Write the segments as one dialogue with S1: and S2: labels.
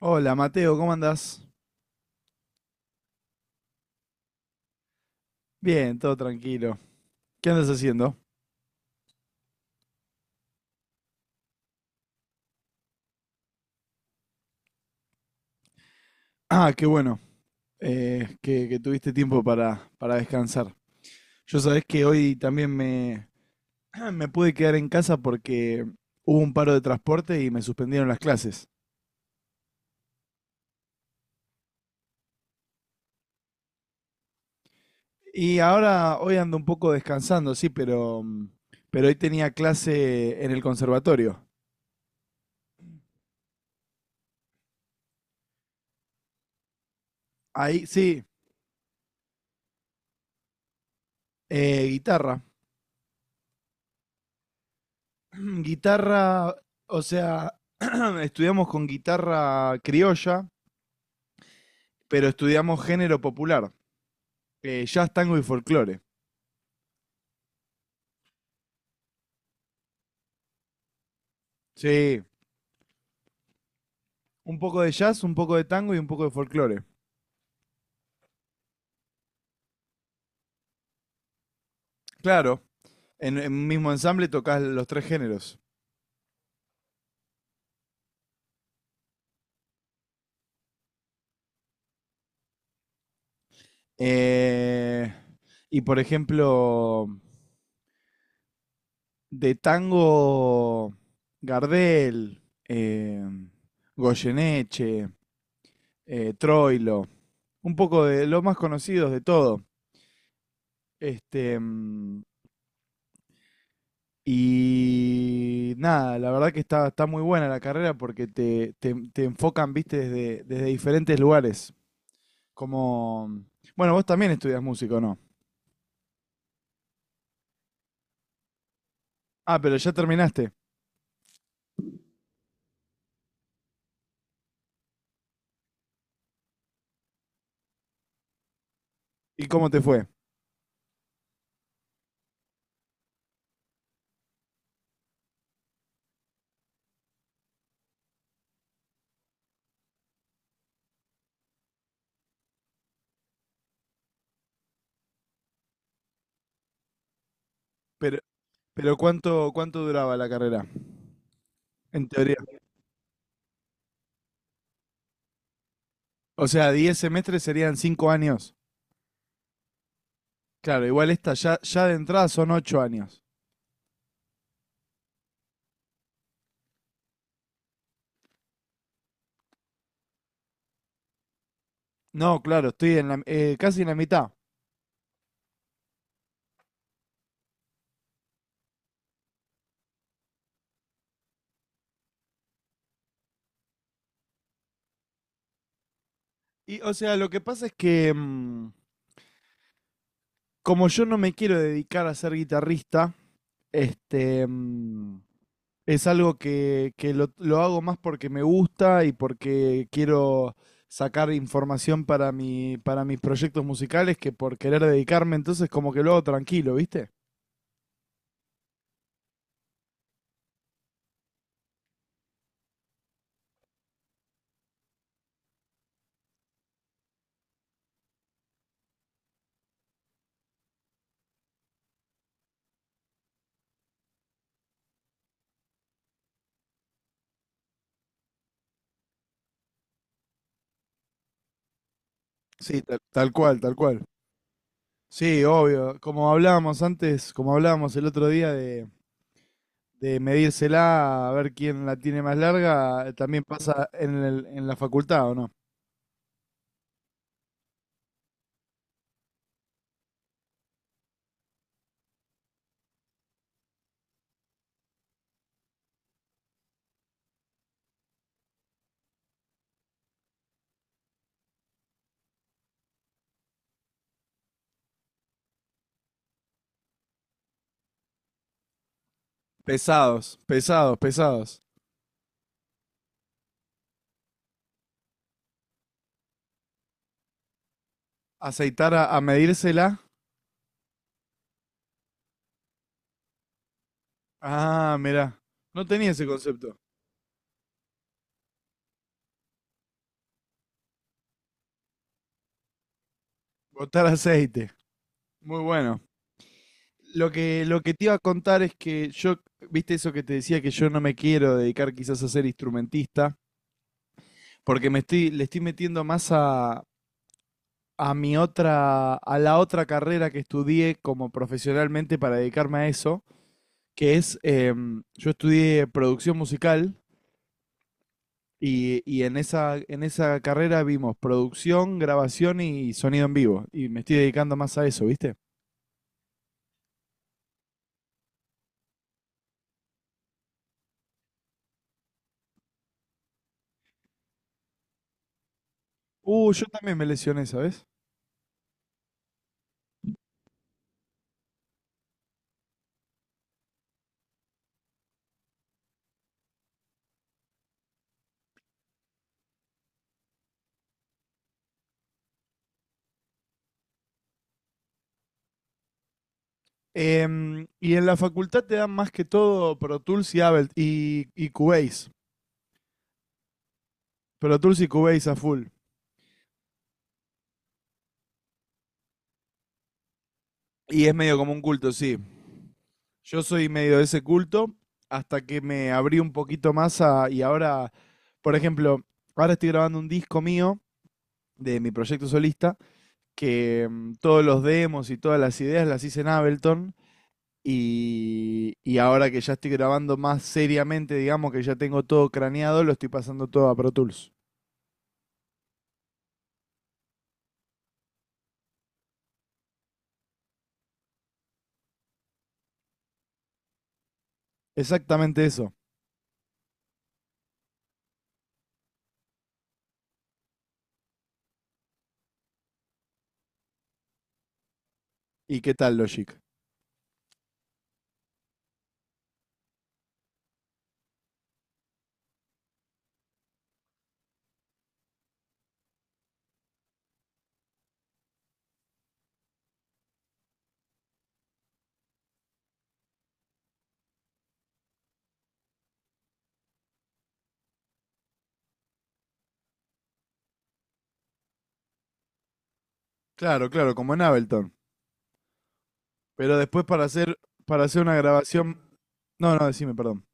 S1: Hola Mateo, ¿cómo andás? Bien, todo tranquilo. ¿Qué andas haciendo? Ah, qué bueno, que tuviste tiempo para descansar. Yo sabés que hoy también me pude quedar en casa porque hubo un paro de transporte y me suspendieron las clases. Y ahora hoy ando un poco descansando, sí, pero, pero hoy tenía clase en el conservatorio. Ahí, sí, guitarra. Guitarra, o sea, estudiamos con guitarra criolla pero estudiamos género popular, jazz, tango y folclore. Sí, un poco de jazz, un poco de tango y un poco de folclore. Claro, en un mismo ensamble tocas los tres géneros. Eh, y por ejemplo, de tango, Gardel, eh, Goyeneche, Troilo, un poco de los más conocidos de todo. Este, mm, y nada, la verdad que está muy buena la carrera porque te enfocan, viste, desde diferentes lugares. Como, bueno, vos también estudias música, ¿o no? Ah, pero ya terminaste. ¿Y cómo te fue? Pero, pero cuánto duraba la carrera? En teoría. O sea, diez semestres serían cinco años. Claro, igual esta ya de entrada son 8 años. No, claro, estoy en la, casi en la mitad. Y, o sea, lo que pasa es que, como yo no me quiero dedicar a ser guitarrista. Este, mm, es algo que lo hago más porque me gusta y porque quiero sacar información para para mis proyectos musicales que por querer dedicarme, entonces como que lo hago tranquilo, ¿viste? Sí, tal, tal cual, tal cual. Sí, obvio. Como hablábamos antes, como hablábamos el otro día de medírsela a ver quién la tiene más larga, también pasa en en la facultad, ¿o no? Pesados, pesados, pesados. Aceitar a medírsela. Ah, mirá. No tenía ese concepto. Botar aceite. Muy bueno. Lo que te iba a contar es que yo, viste eso que te decía que yo no me quiero dedicar quizás a ser instrumentista, porque me le estoy metiendo más a mi a la otra carrera que estudié como profesionalmente para dedicarme a eso, que es, yo estudié producción musical y en en esa carrera vimos producción, grabación y sonido en vivo. Y me estoy dedicando más a eso, ¿viste? Yo también me lesioné, ¿sabes? Y en la facultad te dan más que todo Pro Tools y Ableton y Cubase. Pro Tools y Cubase a full. Y es medio como un culto, sí. Yo soy medio de ese culto hasta que me abrí un poquito más a, y ahora, por ejemplo, ahora estoy grabando un disco mío de mi proyecto solista, que todos los demos y todas las ideas las hice en Ableton. Y ahora que ya estoy grabando más seriamente, digamos que ya tengo todo craneado, lo estoy pasando todo a Pro Tools. Exactamente eso. ¿Y qué tal, Logic? Claro, claro, como en Ableton. Pero después para hacer una grabación... No, no, decime, perdón.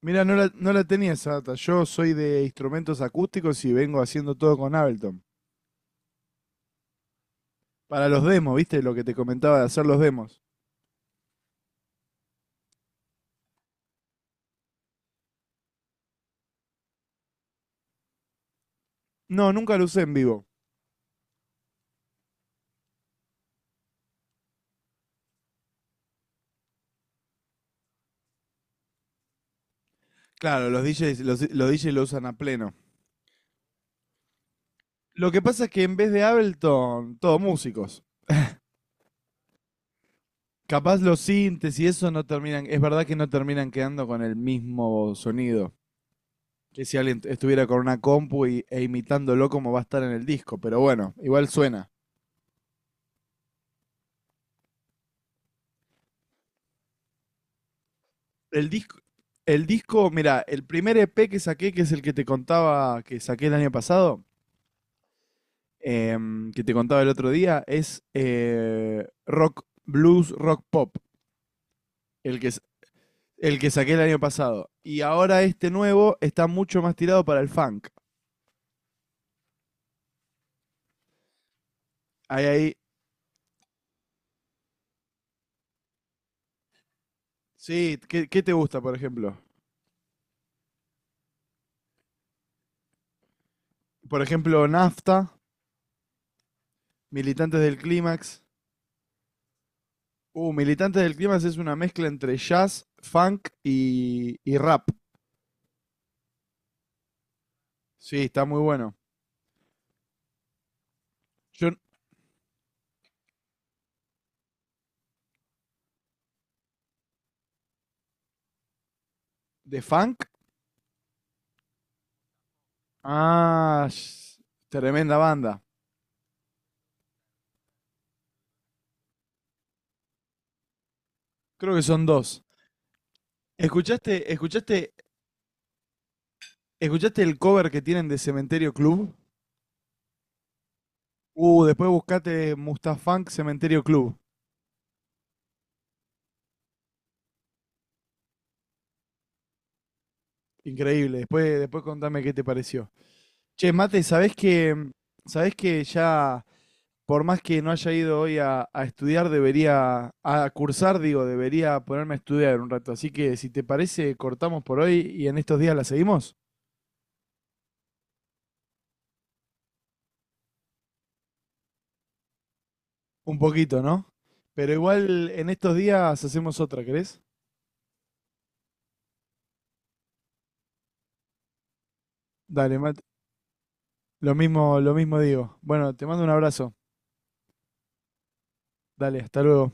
S1: Mira, no no la tenía esa data. Yo soy de instrumentos acústicos y vengo haciendo todo con Ableton. Para los demos, ¿viste? Lo que te comentaba de hacer los demos. No, nunca lo usé en vivo. Claro, los DJs, los DJs lo usan a pleno. Lo que pasa es que en vez de Ableton, todos músicos. Capaz los sintes y eso no terminan, es verdad que no terminan quedando con el mismo sonido. Que si alguien estuviera con una compu e imitándolo como va a estar en el disco. Pero bueno, igual suena. El disco, el disco, mira, el primer EP que saqué, que es el que te contaba, que saqué el año pasado, que te contaba el otro día, es rock, blues, rock pop, el que, el que saqué el año pasado. Y ahora este nuevo está mucho más tirado para el funk. Ahí, ahí, sí, qué te gusta, por ejemplo? Por ejemplo, Nafta, Militantes del Clímax. Militantes del Clima es una mezcla entre jazz, funk y rap. Sí, está muy bueno. Yo, ¿De funk? Ah, sh- tremenda banda. Creo que son dos. ¿Escuchaste, escuchaste, escuchaste el cover que tienen de Cementerio Club? Después buscate Mustafunk Cementerio Club. Increíble. Después, después contame qué te pareció. Che, Mate, sabés que ya por más que no haya ido hoy a estudiar, debería, a cursar, digo, debería ponerme a estudiar un rato. Así que si te parece, cortamos por hoy y en estos días la seguimos. Un poquito, ¿no? Pero igual en estos días hacemos otra, ¿querés? Dale, Mati. Lo mismo digo. Bueno, te mando un abrazo. Dale, hasta luego.